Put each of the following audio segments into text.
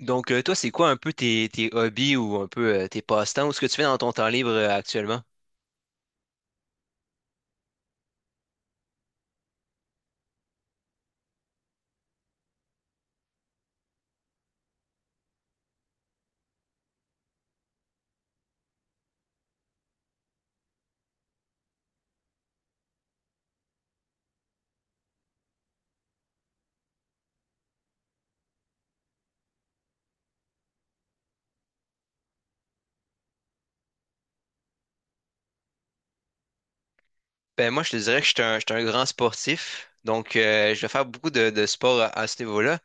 Donc, toi, c'est quoi un peu tes hobbies ou un peu, tes passe-temps ou ce que tu fais dans ton temps libre, actuellement? Ben moi, je te dirais que je suis un grand sportif, donc, je vais faire beaucoup de sport à ce niveau-là.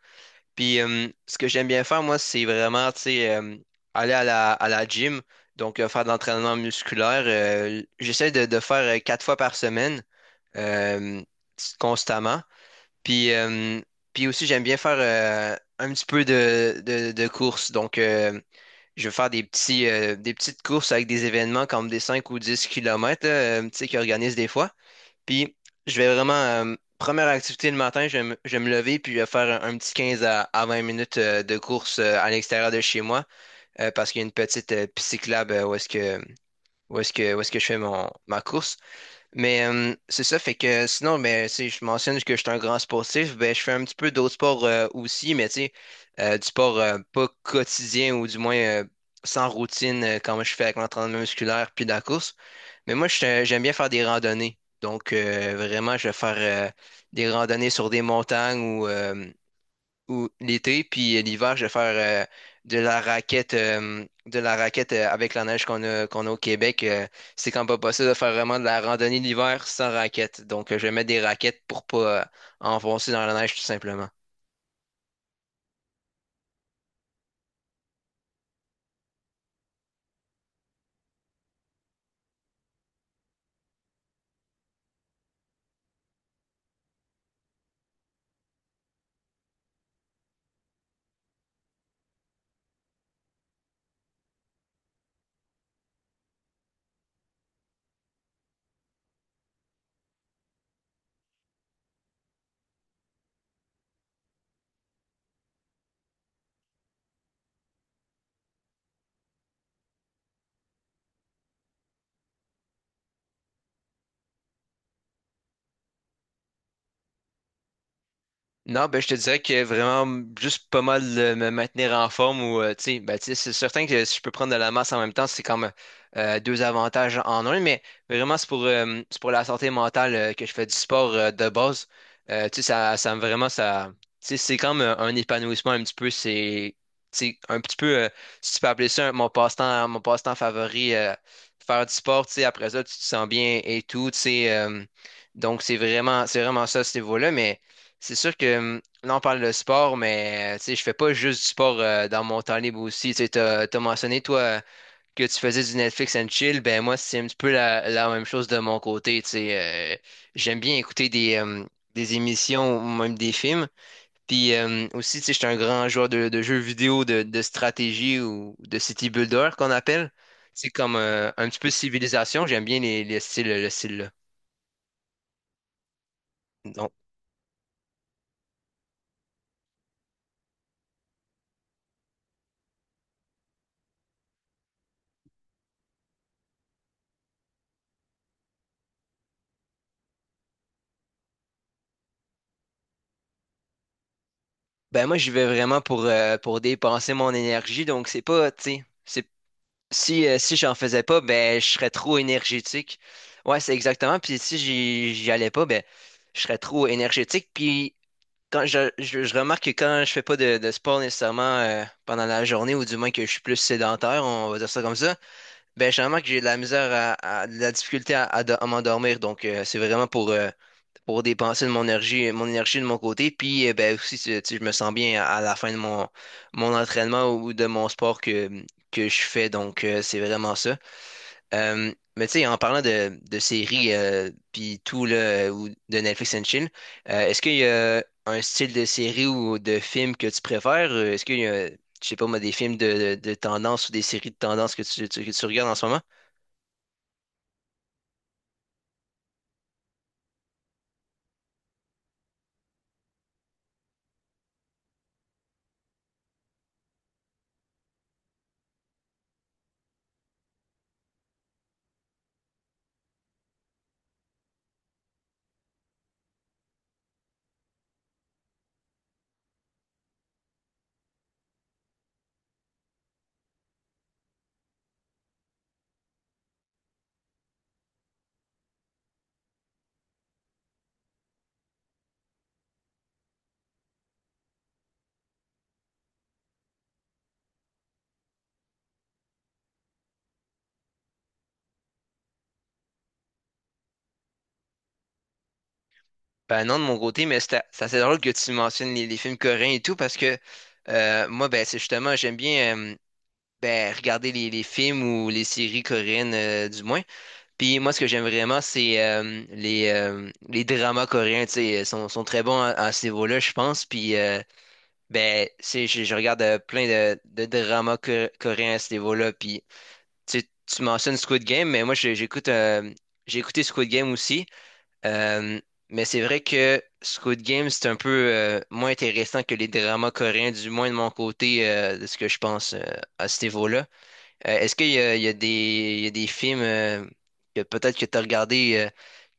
Puis, ce que j'aime bien faire, moi, c'est vraiment, tu sais, aller à la gym, donc, faire de l'entraînement musculaire. J'essaie de faire, quatre fois par semaine, euh, constamment. Puis, euh, puis, aussi, j'aime bien faire, un petit peu de course. Donc, je vais faire des petites courses avec des événements comme des 5 ou 10 kilomètres, là, tu sais, qu'ils organisent des fois. Puis, je vais vraiment, première activité le matin, je vais me lever, puis je vais faire un petit 15 à 20 minutes, de course, à l'extérieur de chez moi, parce qu'il y a une petite, piste cyclable, où est-ce que, où est-ce que, où est-ce que je fais ma course. Mais, c'est ça, fait que sinon, mais, tu sais, je mentionne que je suis un grand sportif, ben, je fais un petit peu d'autres sports, aussi, mais tu sais, du sport, pas quotidien ou du moins, sans routine, comme je fais avec l'entraînement musculaire puis la course. Mais moi, j'aime bien faire des randonnées. Donc, vraiment, je vais faire, des randonnées sur des montagnes ou l'été, puis, l'hiver, je vais faire, de la raquette, avec la neige qu'on a au Québec. C'est quand même pas possible de faire vraiment de la randonnée l'hiver sans raquette. Donc, je vais mettre des raquettes pour pas, enfoncer dans la neige, tout simplement. Non, ben, je te dirais que vraiment, juste pas mal, me maintenir en forme ou, tu sais, ben, tu sais, c'est certain que si je peux prendre de la masse en même temps, c'est comme, deux avantages en un, mais vraiment, c'est pour la santé mentale, que je fais du sport, de base. Tu sais, ça, vraiment, ça, tu sais, c'est comme, un épanouissement un petit peu, c'est, tu sais, un petit peu, si tu peux appeler ça mon passe-temps favori, faire du sport, tu sais, après ça, tu te sens bien et tout, tu sais, donc c'est vraiment ça, ce niveau-là, mais. C'est sûr que, là, on parle de sport, mais, tu sais, je fais pas juste du sport, dans mon temps libre aussi. Tu sais, t'as mentionné, toi, que tu faisais du Netflix and chill. Ben, moi, c'est un petit peu la même chose de mon côté. Tu sais, j'aime bien écouter des émissions ou même des films. Puis, aussi, tu sais, j'étais un grand joueur de jeux vidéo de stratégie ou de city builder qu'on appelle. C'est comme, un petit peu civilisation. J'aime bien le style-là. Ben moi, j'y vais vraiment pour dépenser mon énergie. Donc, c'est pas, tu sais, c'est, si j'en faisais pas, ben, je serais trop énergétique. Ouais, c'est exactement. Puis si j'y allais pas, ben, je serais trop énergétique. Puis quand je remarque que quand je fais pas de sport nécessairement, pendant la journée, ou du moins que je suis plus sédentaire, on va dire ça comme ça, ben, je remarque que j'ai de la misère de la difficulté à m'endormir. Donc, c'est vraiment pour dépenser de mon énergie de mon côté. Puis, ben, aussi, tu sais, je me sens bien à la fin de mon entraînement ou de mon sport que je fais. Donc, c'est vraiment ça. Mais tu sais, en parlant de séries, puis tout, là, ou de Netflix and Chill, est-ce qu'il y a un style de série ou de film que tu préfères? Est-ce qu'il y a, je sais pas moi, des films de tendance ou des séries de tendance que tu regardes en ce moment? Ben non, de mon côté, mais c'est assez drôle que tu mentionnes les films coréens et tout, parce que, moi, ben, c'est justement, j'aime bien, ben, regarder les films ou les séries coréennes, du moins. Puis moi, ce que j'aime vraiment, c'est, les dramas coréens, tu sais, ils sont très bons à ce niveau-là, je pense. Puis, ben, c'est, je regarde, plein de dramas coréens à ce niveau-là. Puis tu, sais, tu mentionnes Squid Game, mais moi, j'ai écouté Squid Game aussi. Euh, mais c'est vrai que Squid Game, c'est un peu, moins intéressant que les dramas coréens, du moins de mon côté, de ce que je pense, à ce niveau-là. Est-ce qu'il y a, il y a des, il y a des films, que peut-être que tu as regardé, euh,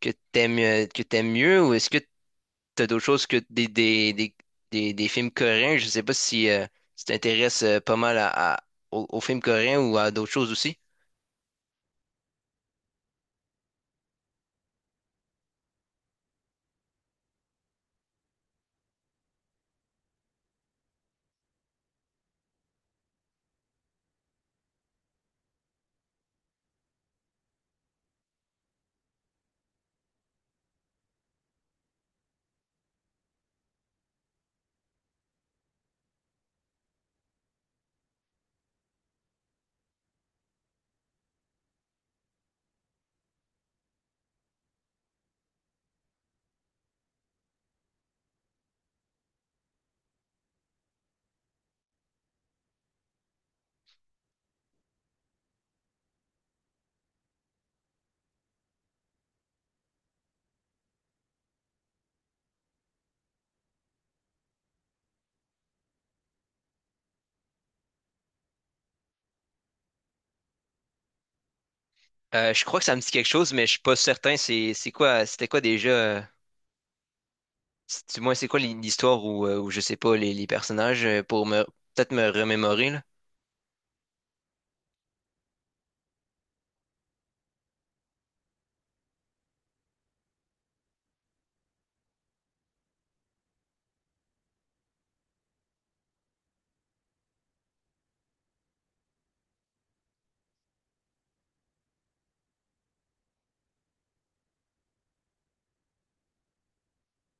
que t'aimes euh, que t'aimes mieux ou est-ce que tu as d'autres choses que des films coréens? Je sais pas si, tu t'intéresses, pas mal aux films coréens ou à d'autres choses aussi. Je crois que ça me dit quelque chose, mais je suis pas certain. C'est quoi, c'était quoi déjà? Du moins, c'est quoi l'histoire ou je sais pas les personnages, pour me peut-être me remémorer là.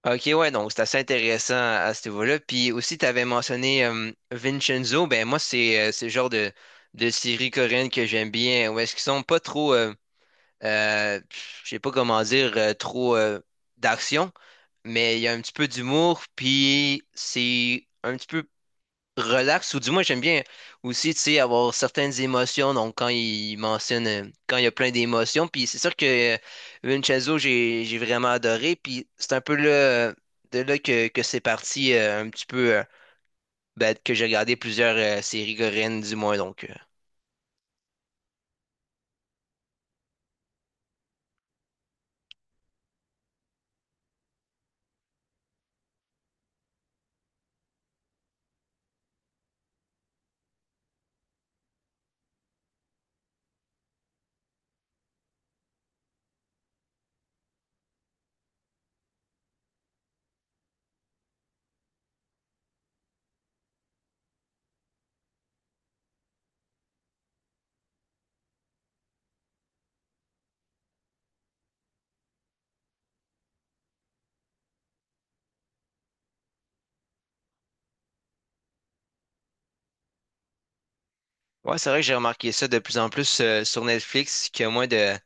Ok, ouais, donc c'est assez intéressant à ce niveau-là. Puis aussi, tu avais mentionné, Vincenzo. Ben moi, c'est le genre de série coréenne que j'aime bien. Où est-ce qu'ils sont pas trop, je sais pas comment dire, trop, d'action, mais il y a un petit peu d'humour. Puis c'est un petit peu relax, ou du moins j'aime bien aussi, tu sais, avoir certaines émotions, donc quand il y a plein d'émotions, puis c'est sûr que, Vincenzo, j'ai vraiment adoré, puis c'est un peu là, de là que c'est parti, un petit peu, ben, que j'ai regardé plusieurs, séries coréennes du moins, donc... Ouais, c'est vrai que j'ai remarqué ça de plus en plus, sur Netflix, qu'il y a moins de,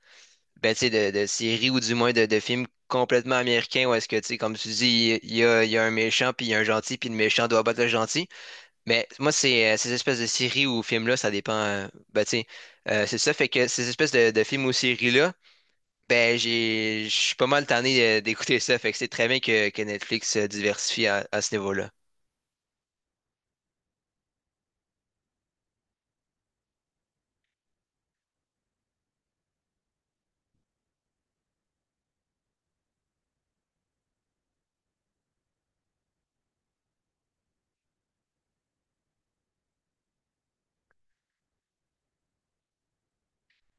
ben, tu sais, de séries ou du moins de films complètement américains où est-ce que, tu sais, comme tu dis, il y a un méchant, puis il y a un gentil, puis le méchant doit battre le gentil. Mais moi, c'est, ces espèces de séries ou films-là, ça dépend. Ben, tu sais, c'est ça, fait que ces espèces de films ou séries-là, ben, je suis pas mal tanné, d'écouter ça, fait que c'est très bien que Netflix se diversifie à ce niveau-là.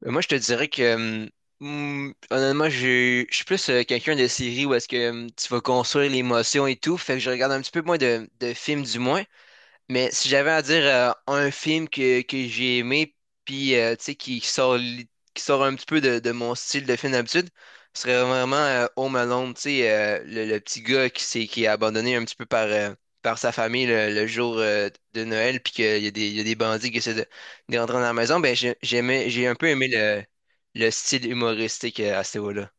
Moi, je te dirais que, honnêtement, je suis plus, quelqu'un de série où est-ce que, tu vas construire l'émotion et tout, fait que je regarde un petit peu moins de films du moins. Mais si j'avais à dire, un film que j'ai aimé, puis, tu sais, qui sort un petit peu de mon style de film d'habitude, ce serait vraiment, Home Alone, tu sais, le petit gars qui est abandonné un petit peu par sa famille le jour, de Noël, puis qu'il y a des, il y a des bandits qui essaient de rentrer dans la maison. Ben, j'ai un peu aimé le style humoristique, à ce niveau-là.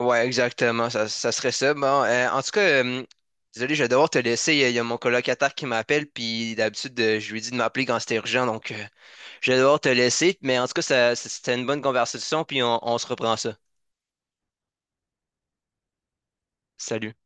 Ouais, exactement, ça serait ça. Bon, en tout cas, désolé, je vais devoir te laisser. Il y a mon colocataire qui m'appelle, puis d'habitude, je lui dis de m'appeler quand c'est urgent, donc, je vais devoir te laisser. Mais en tout cas, ça, c'était une bonne conversation, puis on se reprend ça. Salut.